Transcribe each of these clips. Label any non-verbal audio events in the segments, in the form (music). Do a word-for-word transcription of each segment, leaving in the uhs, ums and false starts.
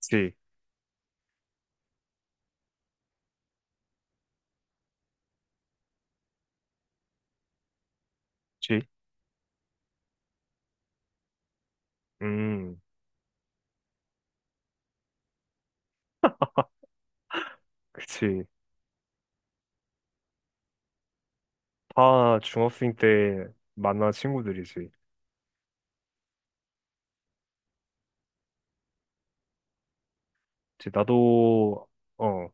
그치, 그치. 음, 그치. 다 중학생 때 만난 친구들이지. 그치, 나도, 어,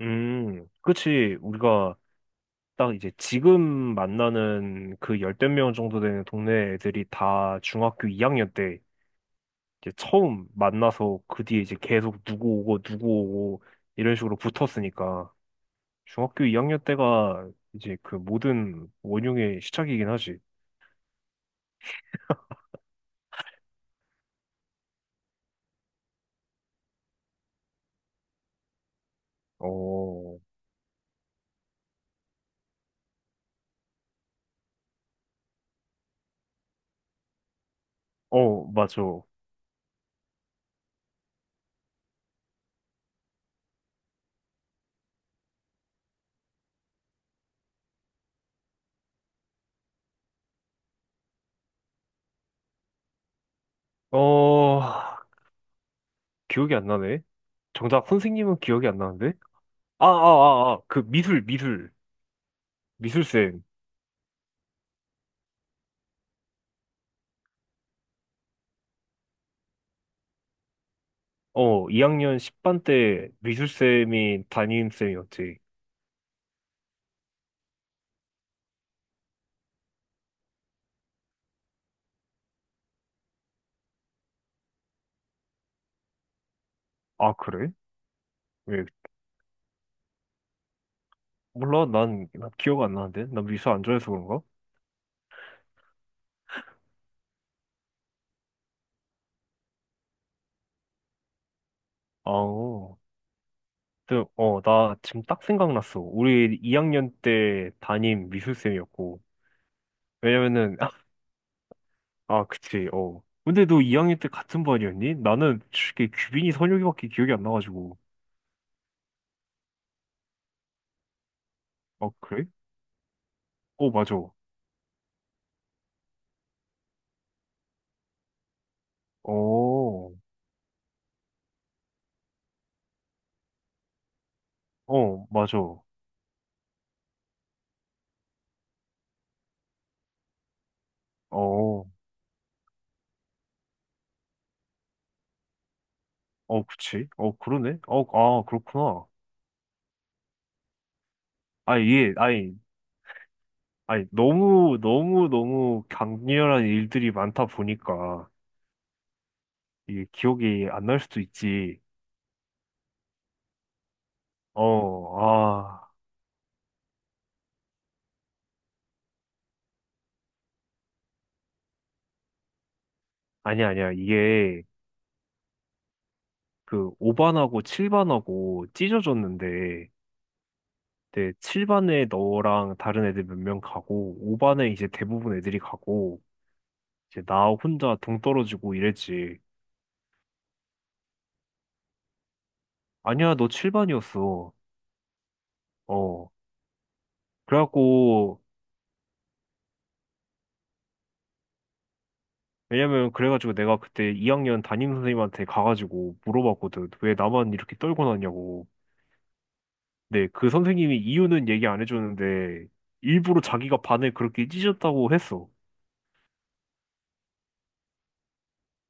음, 그치. 우리가 딱 이제 지금 만나는 그 열댓 명 정도 되는 동네 애들이 다 중학교 이 학년 때 이제 처음 만나서 그 뒤에 이제 계속 누구 오고 누구 오고 이런 식으로 붙었으니까 중학교 이 학년 때가 이제 그 모든 원흉의 시작이긴 하지. 어, 어, 맞아. 어, 기억이 안 나네. 정작 선생님은 기억이 안 나는데? 아, 아, 아, 아, 그 미술, 미술, 미술쌤. 어, 이 학년 십 반 때 미술쌤이 담임쌤이었지. 아, 그래? 왜? 몰라, 난, 난 기억 안 나는데? 난 미술 안 좋아해서 그런가? 아, 어, 근데, 어, 나 지금 딱 생각났어. 우리 이 학년 때 담임 미술쌤이었고. 왜냐면은, (laughs) 아, 그치, 어. 근데 너 이 학년 때 같은 반이었니? 나는 솔직히 규빈이 선혁이밖에 기억이 안 나가지고. 어, 그래? 오, 맞아. 어, 어, 맞아. 어, 어, 그치. 어, 그러네. 어, 아, 그렇구나. 아, 이게, 아니, 아니, 너무, 너무, 너무 강렬한 일들이 많다 보니까, 이게 기억이 안 날 수도 있지. 어, 아, 아니야, 아니야. 이게, 그, 오 반하고 칠 반하고 찢어졌는데, 네, 칠 반에 너랑 다른 애들 몇 명 가고, 오 반에 이제 대부분 애들이 가고, 이제 나 혼자 동떨어지고 이랬지. 아니야, 너 칠 반이었어. 어. 그래갖고, 왜냐면, 그래가지고 내가 그때 이 학년 담임선생님한테 가가지고 물어봤거든. 왜 나만 이렇게 떨고 났냐고. 근데 그 선생님이 이유는 얘기 안 해줬는데, 일부러 자기가 반을 그렇게 찢었다고 했어.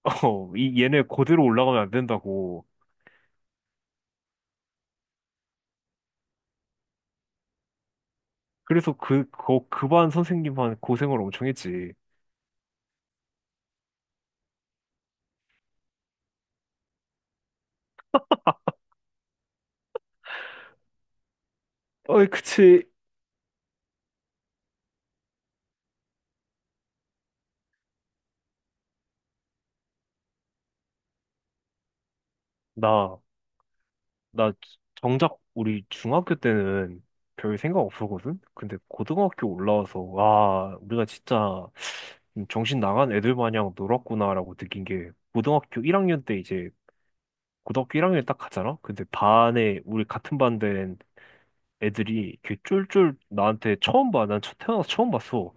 (laughs) 어, 이, 얘네 그대로 올라가면 안 된다고. 그래서 그, 그, 그 반 선생님한 고생을 엄청 했지. 어이, 그치. 나. 나 정작 우리 중학교 때는 별 생각 없었거든? 근데 고등학교 올라와서, 와, 우리가 진짜 좀 정신 나간 애들 마냥 놀았구나라고 느낀 게, 고등학교 일 학년 때 이제, 고등학교 일 학년에 딱 가잖아? 근데 반에, 우리 같은 반 된 애들이 이렇게 쫄쫄 나한테 처음 봐. 난 처- 태어나서 처음 봤어.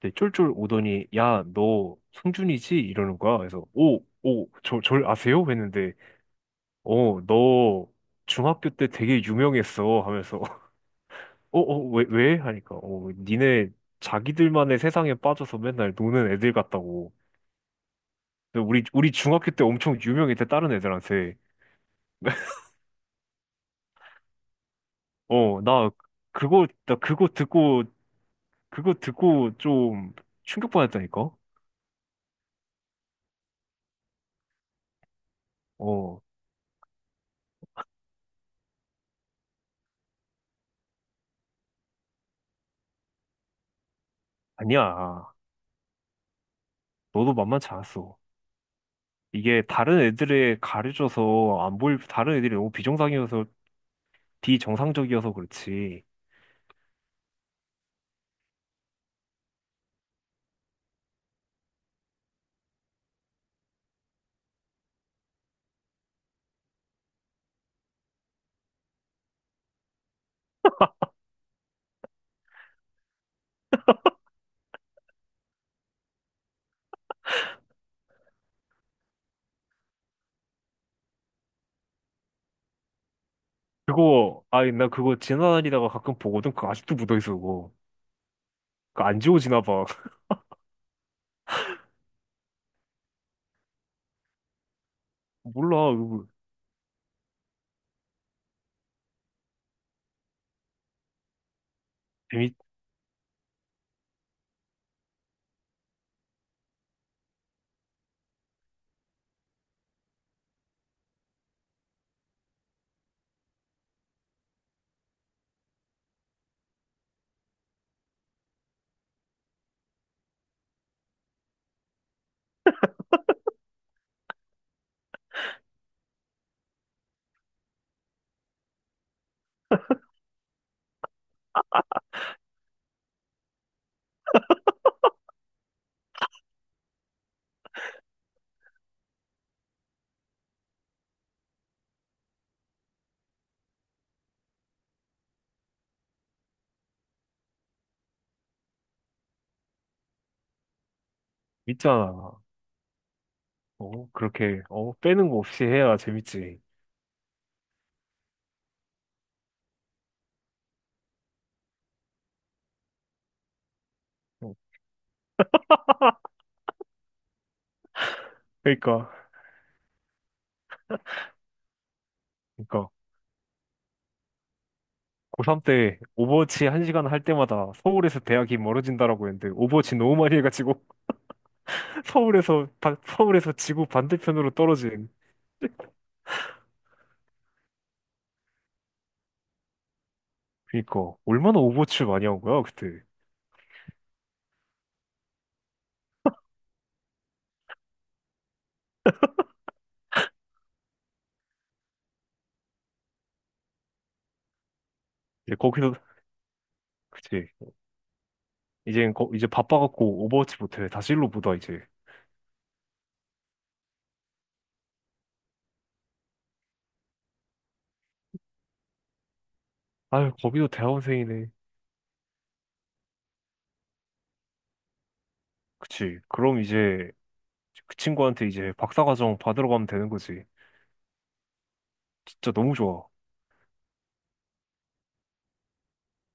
근데 쫄쫄 오더니, 야, 너 성준이지? 이러는 거야. 그래서, 오, 오, 저, 절 아세요? 했는데, 어, 너 중학교 때 되게 유명했어 하면서 (laughs) 어, 어, 왜, 왜? 하니까 어, 니네 자기들만의 세상에 빠져서 맨날 노는 애들 같다고. 근데 우리 우리 중학교 때 엄청 유명했대 다른 애들한테. (laughs) 어, 나 그거 나 그거 듣고 그거 듣고 좀 충격 받았다니까. 어, 아니야. 너도 만만치 않았어. 이게 다른 애들에 가려져서 안 보일 다른 애들이 너무 비정상이어서 비정상적이어서 그렇지. 그거, 아니, 나 그거 지나다니다가 가끔 보거든? 그거 아직도 묻어있어, 그거. 그거 안 지워지나 봐. (laughs) 몰라, 그거. 재밌, 재밌잖아. 어, 그렇게, 어, 빼는 거 없이 해야 재밌지. 어, 그러니까, 그러니까, 고삼 때 오버워치 한시간할 때마다 서울에서 대학이 멀어진다라고 했는데, 오버워치 너무 많이 해가지고, (laughs) 서울에서, 바, 서울에서 지구 반대편으로 떨어진. 그니까, 얼마나 오버워치를 많이 한 거야, 그때. 이제 거기서, 그치. 이제 거, 이제 바빠갖고 오버워치 못해. 다시 일로 보다 이제. 아유 거기도 대학원생이네. 그치. 그럼 이제 그 친구한테 이제 박사과정 받으러 가면 되는 거지. 진짜 너무 좋아.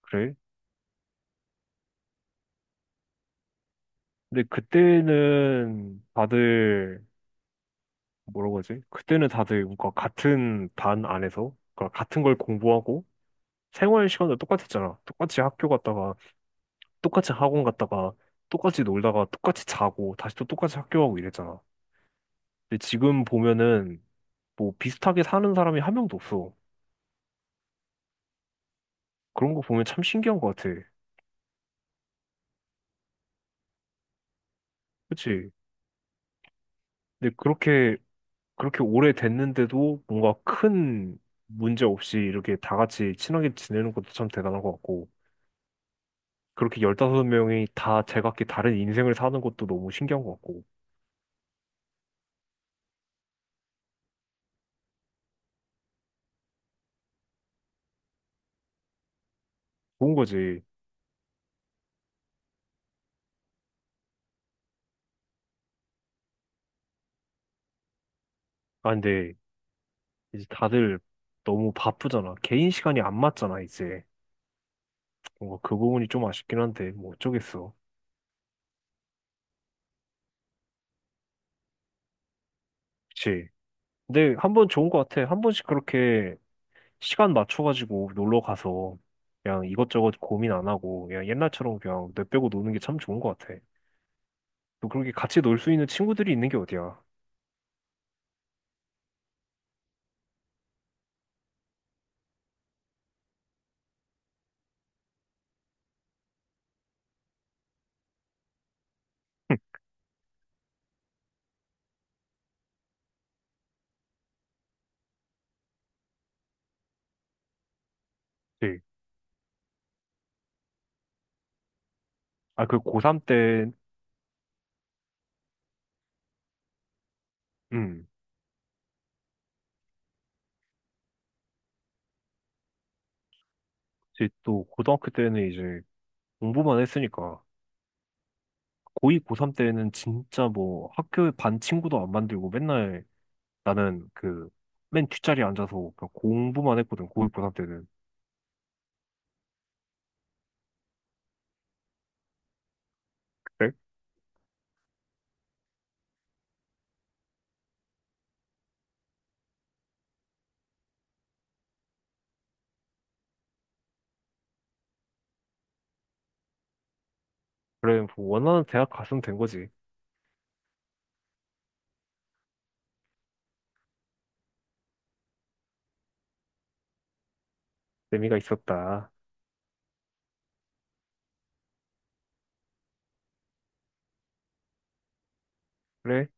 그래? 근데 그때는 다들 뭐라고 하지? 그때는 다들 뭔가 같은 반 안에서 그러니까 같은 걸 공부하고 생활 시간도 똑같았잖아. 똑같이 학교 갔다가 똑같이 학원 갔다가 똑같이 놀다가 똑같이 자고 다시 또 똑같이 학교 가고 이랬잖아. 근데 지금 보면은 뭐 비슷하게 사는 사람이 한 명도 없어. 그런 거 보면 참 신기한 것 같아. 그치? 근데 그렇게, 그렇게 오래 됐는데도 뭔가 큰 문제 없이 이렇게 다 같이 친하게 지내는 것도 참 대단한 것 같고, 그렇게 십오 명이 다 제각기 다른 인생을 사는 것도 너무 신기한 것 같고, 좋은 거지. 아, 근데 이제 다들 너무 바쁘잖아. 개인 시간이 안 맞잖아, 이제. 뭔가 그 부분이 좀 아쉽긴 한데, 뭐 어쩌겠어. 그치? 근데 한 번 좋은 것 같아. 한 번씩 그렇게 시간 맞춰가지고 놀러 가서 그냥 이것저것 고민 안 하고 그냥 옛날처럼 그냥 내빼고 노는 게 참 좋은 것 같아. 또 그렇게 같이 놀 수 있는 친구들이 있는 게 어디야. 네. 아, 그 고삼 때, 음, 이제 또 고등학교 때는 이제 공부만 했으니까 고이, 고삼 때는 진짜 뭐 학교 반 친구도 안 만들고 맨날 나는 그 맨 뒷자리에 앉아서 그냥 공부만 했거든, 고이, 고삼 때는. 그래? 그래, 뭐 원하는 대학 갔으면 된 거지. 재미가 있었다. 그래?